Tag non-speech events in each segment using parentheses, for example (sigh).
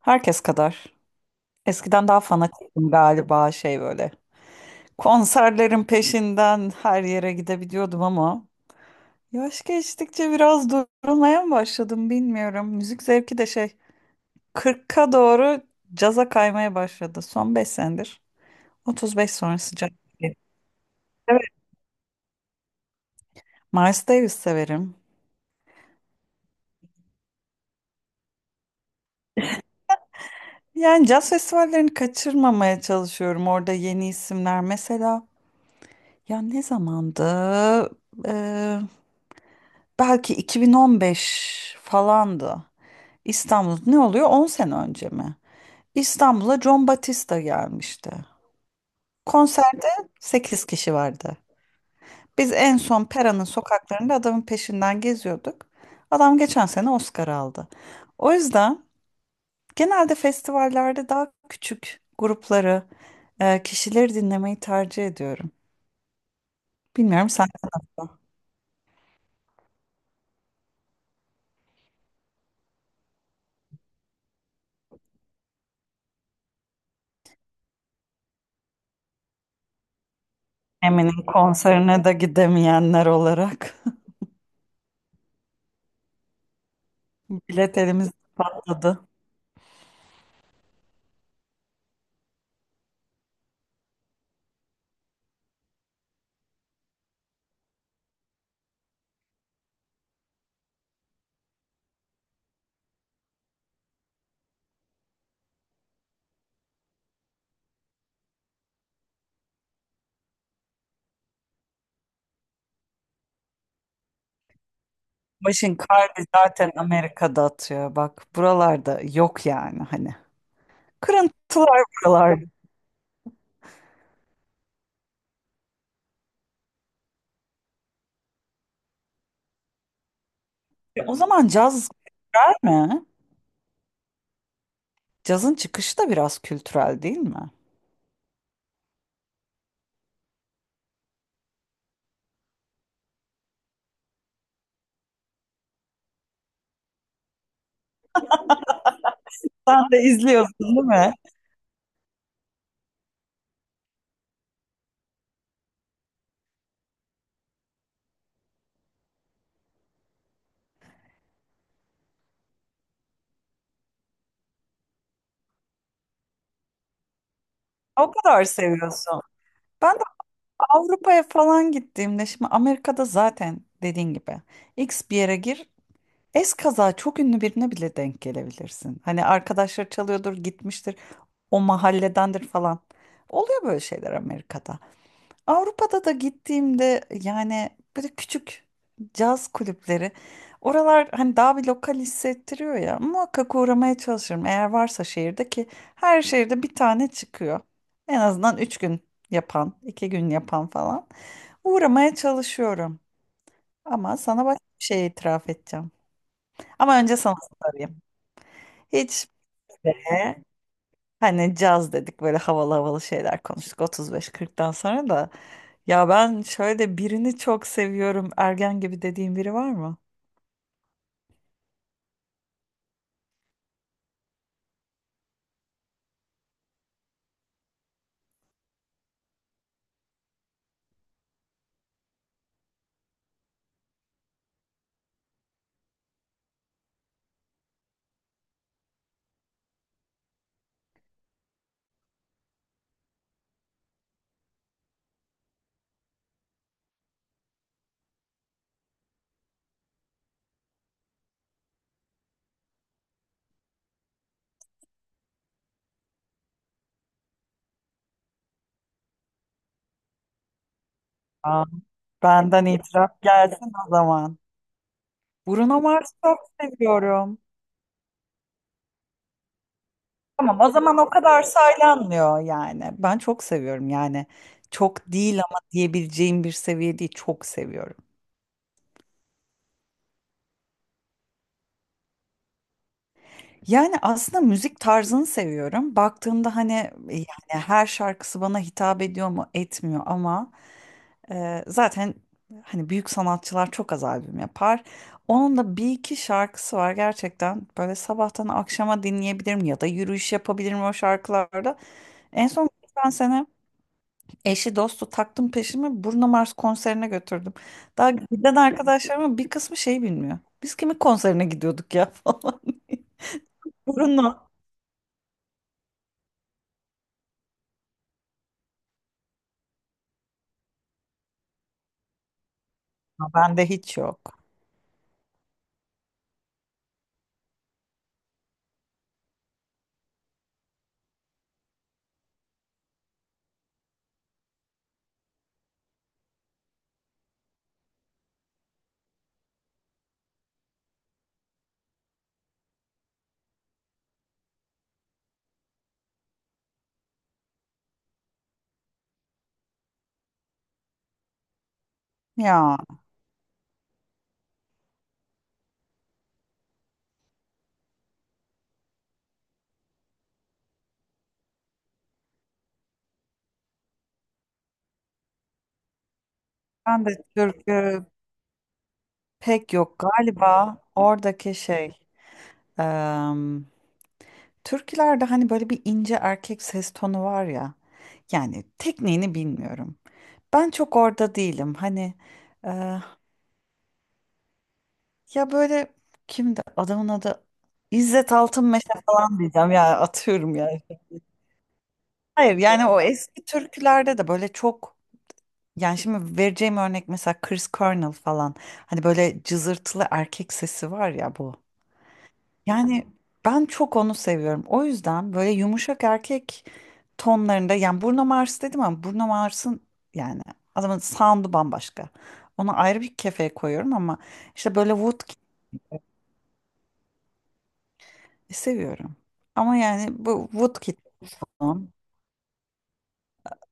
Herkes kadar. Eskiden daha fanatiktim galiba böyle. Konserlerin peşinden her yere gidebiliyordum, ama yaş geçtikçe biraz durulmaya mı başladım bilmiyorum. Müzik zevki de 40'a doğru caza kaymaya başladı son 5 senedir. 35 sonrası caz. Evet. Miles Davis severim. Yani caz festivallerini kaçırmamaya çalışıyorum. Orada yeni isimler mesela. Ya, ne zamandı? Eee, Belki 2015 falandı. İstanbul ne oluyor? 10 sene önce mi? İstanbul'a John Batista gelmişti. Konserde 8 kişi vardı. Biz en son Pera'nın sokaklarında adamın peşinden geziyorduk. Adam geçen sene Oscar aldı. O yüzden genelde festivallerde daha küçük grupları, kişileri dinlemeyi tercih ediyorum. Bilmiyorum sen. Emin'in konserine de gidemeyenler olarak (laughs) bilet elimizde patladı. Başın kardı zaten, Amerika'da atıyor bak. Buralarda yok yani, hani. Kırıntılar buralarda. O zaman caz kültürel mi? Cazın çıkışı da biraz kültürel değil mi? Sen de izliyorsun değil mi? O kadar seviyorsun. Ben de Avrupa'ya falan gittiğimde, şimdi Amerika'da zaten dediğin gibi X bir yere gir, eskaza çok ünlü birine bile denk gelebilirsin. Hani arkadaşlar çalıyordur, gitmiştir, o mahalledendir falan. Oluyor böyle şeyler Amerika'da. Avrupa'da da gittiğimde yani böyle küçük caz kulüpleri. Oralar hani daha bir lokal hissettiriyor ya. Muhakkak uğramaya çalışırım. Eğer varsa şehirde ki her şehirde bir tane çıkıyor. En azından 3 gün yapan, 2 gün yapan falan. Uğramaya çalışıyorum. Ama sana başka bir şey itiraf edeceğim. Ama önce sana sorayım. Hiç be. Hani caz dedik, böyle havalı havalı şeyler konuştuk 35-40'tan sonra da. Ya ben şöyle birini çok seviyorum, ergen gibi dediğim biri var mı? Aa, benden itiraf gelsin o zaman. Bruno Mars'ı çok seviyorum. Tamam, o zaman o kadar saylanmıyor yani. Ben çok seviyorum yani. Çok değil ama diyebileceğim bir seviye değil, çok seviyorum. Yani aslında müzik tarzını seviyorum. Baktığımda hani, yani her şarkısı bana hitap ediyor mu etmiyor, ama zaten, hani, büyük sanatçılar çok az albüm yapar. Onun da bir iki şarkısı var gerçekten, böyle sabahtan akşama dinleyebilirim ya da yürüyüş yapabilirim o şarkılarda. En son geçen sene eşi dostu taktım peşimi, Bruno Mars konserine götürdüm. Daha giden arkadaşlarımın bir kısmı şey bilmiyor. Biz kimin konserine gidiyorduk ya (laughs) falan. Bruno. Bende hiç yok. Ya ben de türkü pek yok galiba oradaki em, türkülerde hani böyle bir ince erkek ses tonu var ya, yani tekniğini bilmiyorum. Ben çok orada değilim hani. e, Ya böyle, kimdi adamın adı, İzzet Altınmeşe falan diyeceğim ya, atıyorum ya. Hayır, yani o eski türkülerde de böyle çok. Yani şimdi vereceğim örnek mesela Chris Cornell falan. Hani böyle cızırtılı erkek sesi var ya, bu. Yani ben çok onu seviyorum. O yüzden böyle yumuşak erkek tonlarında, yani Bruno Mars dedim ama Bruno Mars'ın, yani adamın sound'u bambaşka. Onu ayrı bir kefeye koyuyorum ama işte böyle Woodkid'i seviyorum. Ama yani bu Woodkid.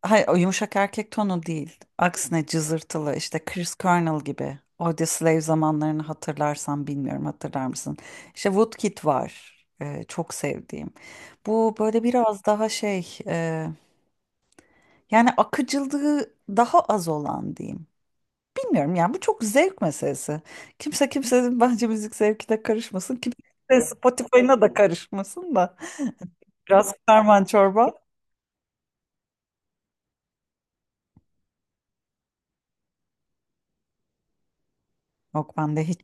Hayır, o yumuşak erkek tonu değil. Aksine cızırtılı, işte Chris Cornell gibi. Audio Slave zamanlarını hatırlarsan, bilmiyorum, hatırlar mısın? İşte Woodkid var, çok sevdiğim. Bu böyle biraz daha yani akıcılığı daha az olan diyeyim. Bilmiyorum, yani bu çok zevk meselesi. Kimse kimsenin bence müzik zevkine karışmasın. Kimse Spotify'ına da karışmasın da. Biraz karman çorba. Yok bende hiç.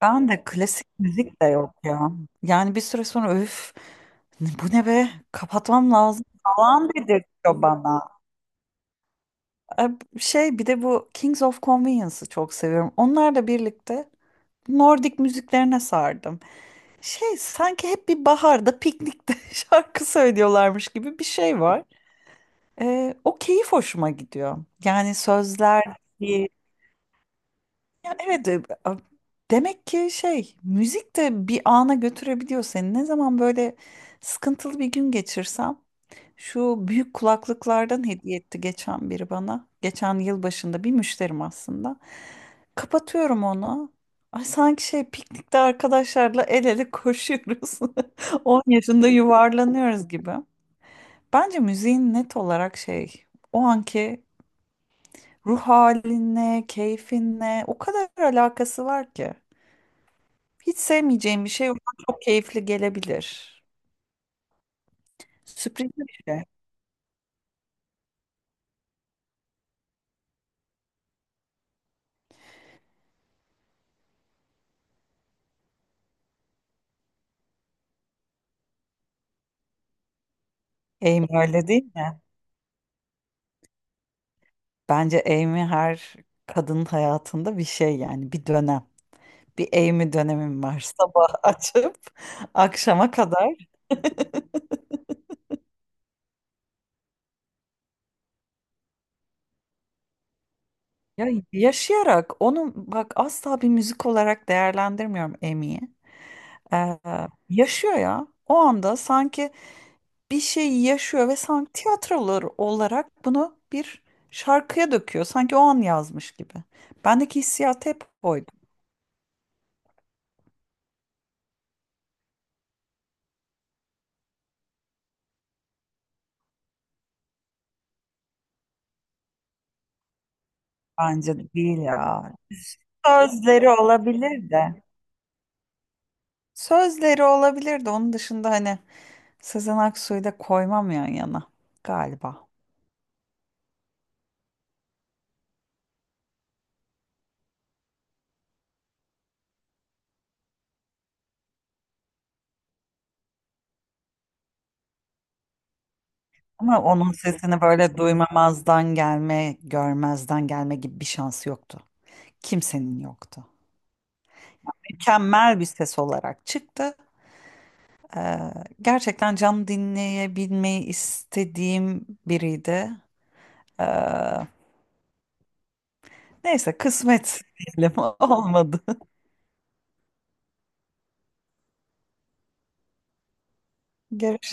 Ben de klasik müzik de yok ya. Yani bir süre sonra, öf, bu ne be, kapatmam lazım falan dedirtiyor bana. E, Bir de bu Kings of Convenience'ı çok seviyorum. Onlarla birlikte Nordik müziklerine sardım. Sanki hep bir baharda piknikte (laughs) şarkı söylüyorlarmış gibi bir şey var. O keyif hoşuma gidiyor. Yani sözler. Yani evet, demek ki müzik de bir ana götürebiliyor seni. Ne zaman böyle sıkıntılı bir gün geçirsem, şu büyük kulaklıklardan hediye etti geçen biri bana. Geçen yıl başında bir müşterim aslında. Kapatıyorum onu. Ay, sanki piknikte arkadaşlarla el ele koşuyoruz. (laughs) 10 yaşında yuvarlanıyoruz gibi. Bence müziğin net olarak, o anki ruh halinle, keyfinle o kadar alakası var ki. Hiç sevmeyeceğim bir şey ona çok keyifli gelebilir. Sürpriz bir şey. Amy öyle değil mi? Bence Amy her kadının hayatında bir şey, yani bir dönem. Bir Amy dönemim var. Sabah açıp (laughs) akşama kadar. (laughs) Ya, yaşayarak onu, bak, asla bir müzik olarak değerlendirmiyorum Amy'yi. Ee, Yaşıyor ya. O anda sanki bir şey yaşıyor ve sanki tiyatrolar olarak bunu bir şarkıya döküyor. Sanki o an yazmış gibi. Bendeki hissiyat hep oydu. Bence de değil ya. Sözleri olabilir de. Onun dışında hani Sezen Aksu'yu da koymam yan yana galiba. Ama onun sesini böyle duymamazdan gelme, görmezden gelme gibi bir şansı yoktu. Kimsenin yoktu. Mükemmel bir ses olarak çıktı. Ee, Gerçekten canlı dinleyebilmeyi istediğim biriydi. Ee, Neyse, kısmet diyelim, (laughs) olmadı. Görüşürüz.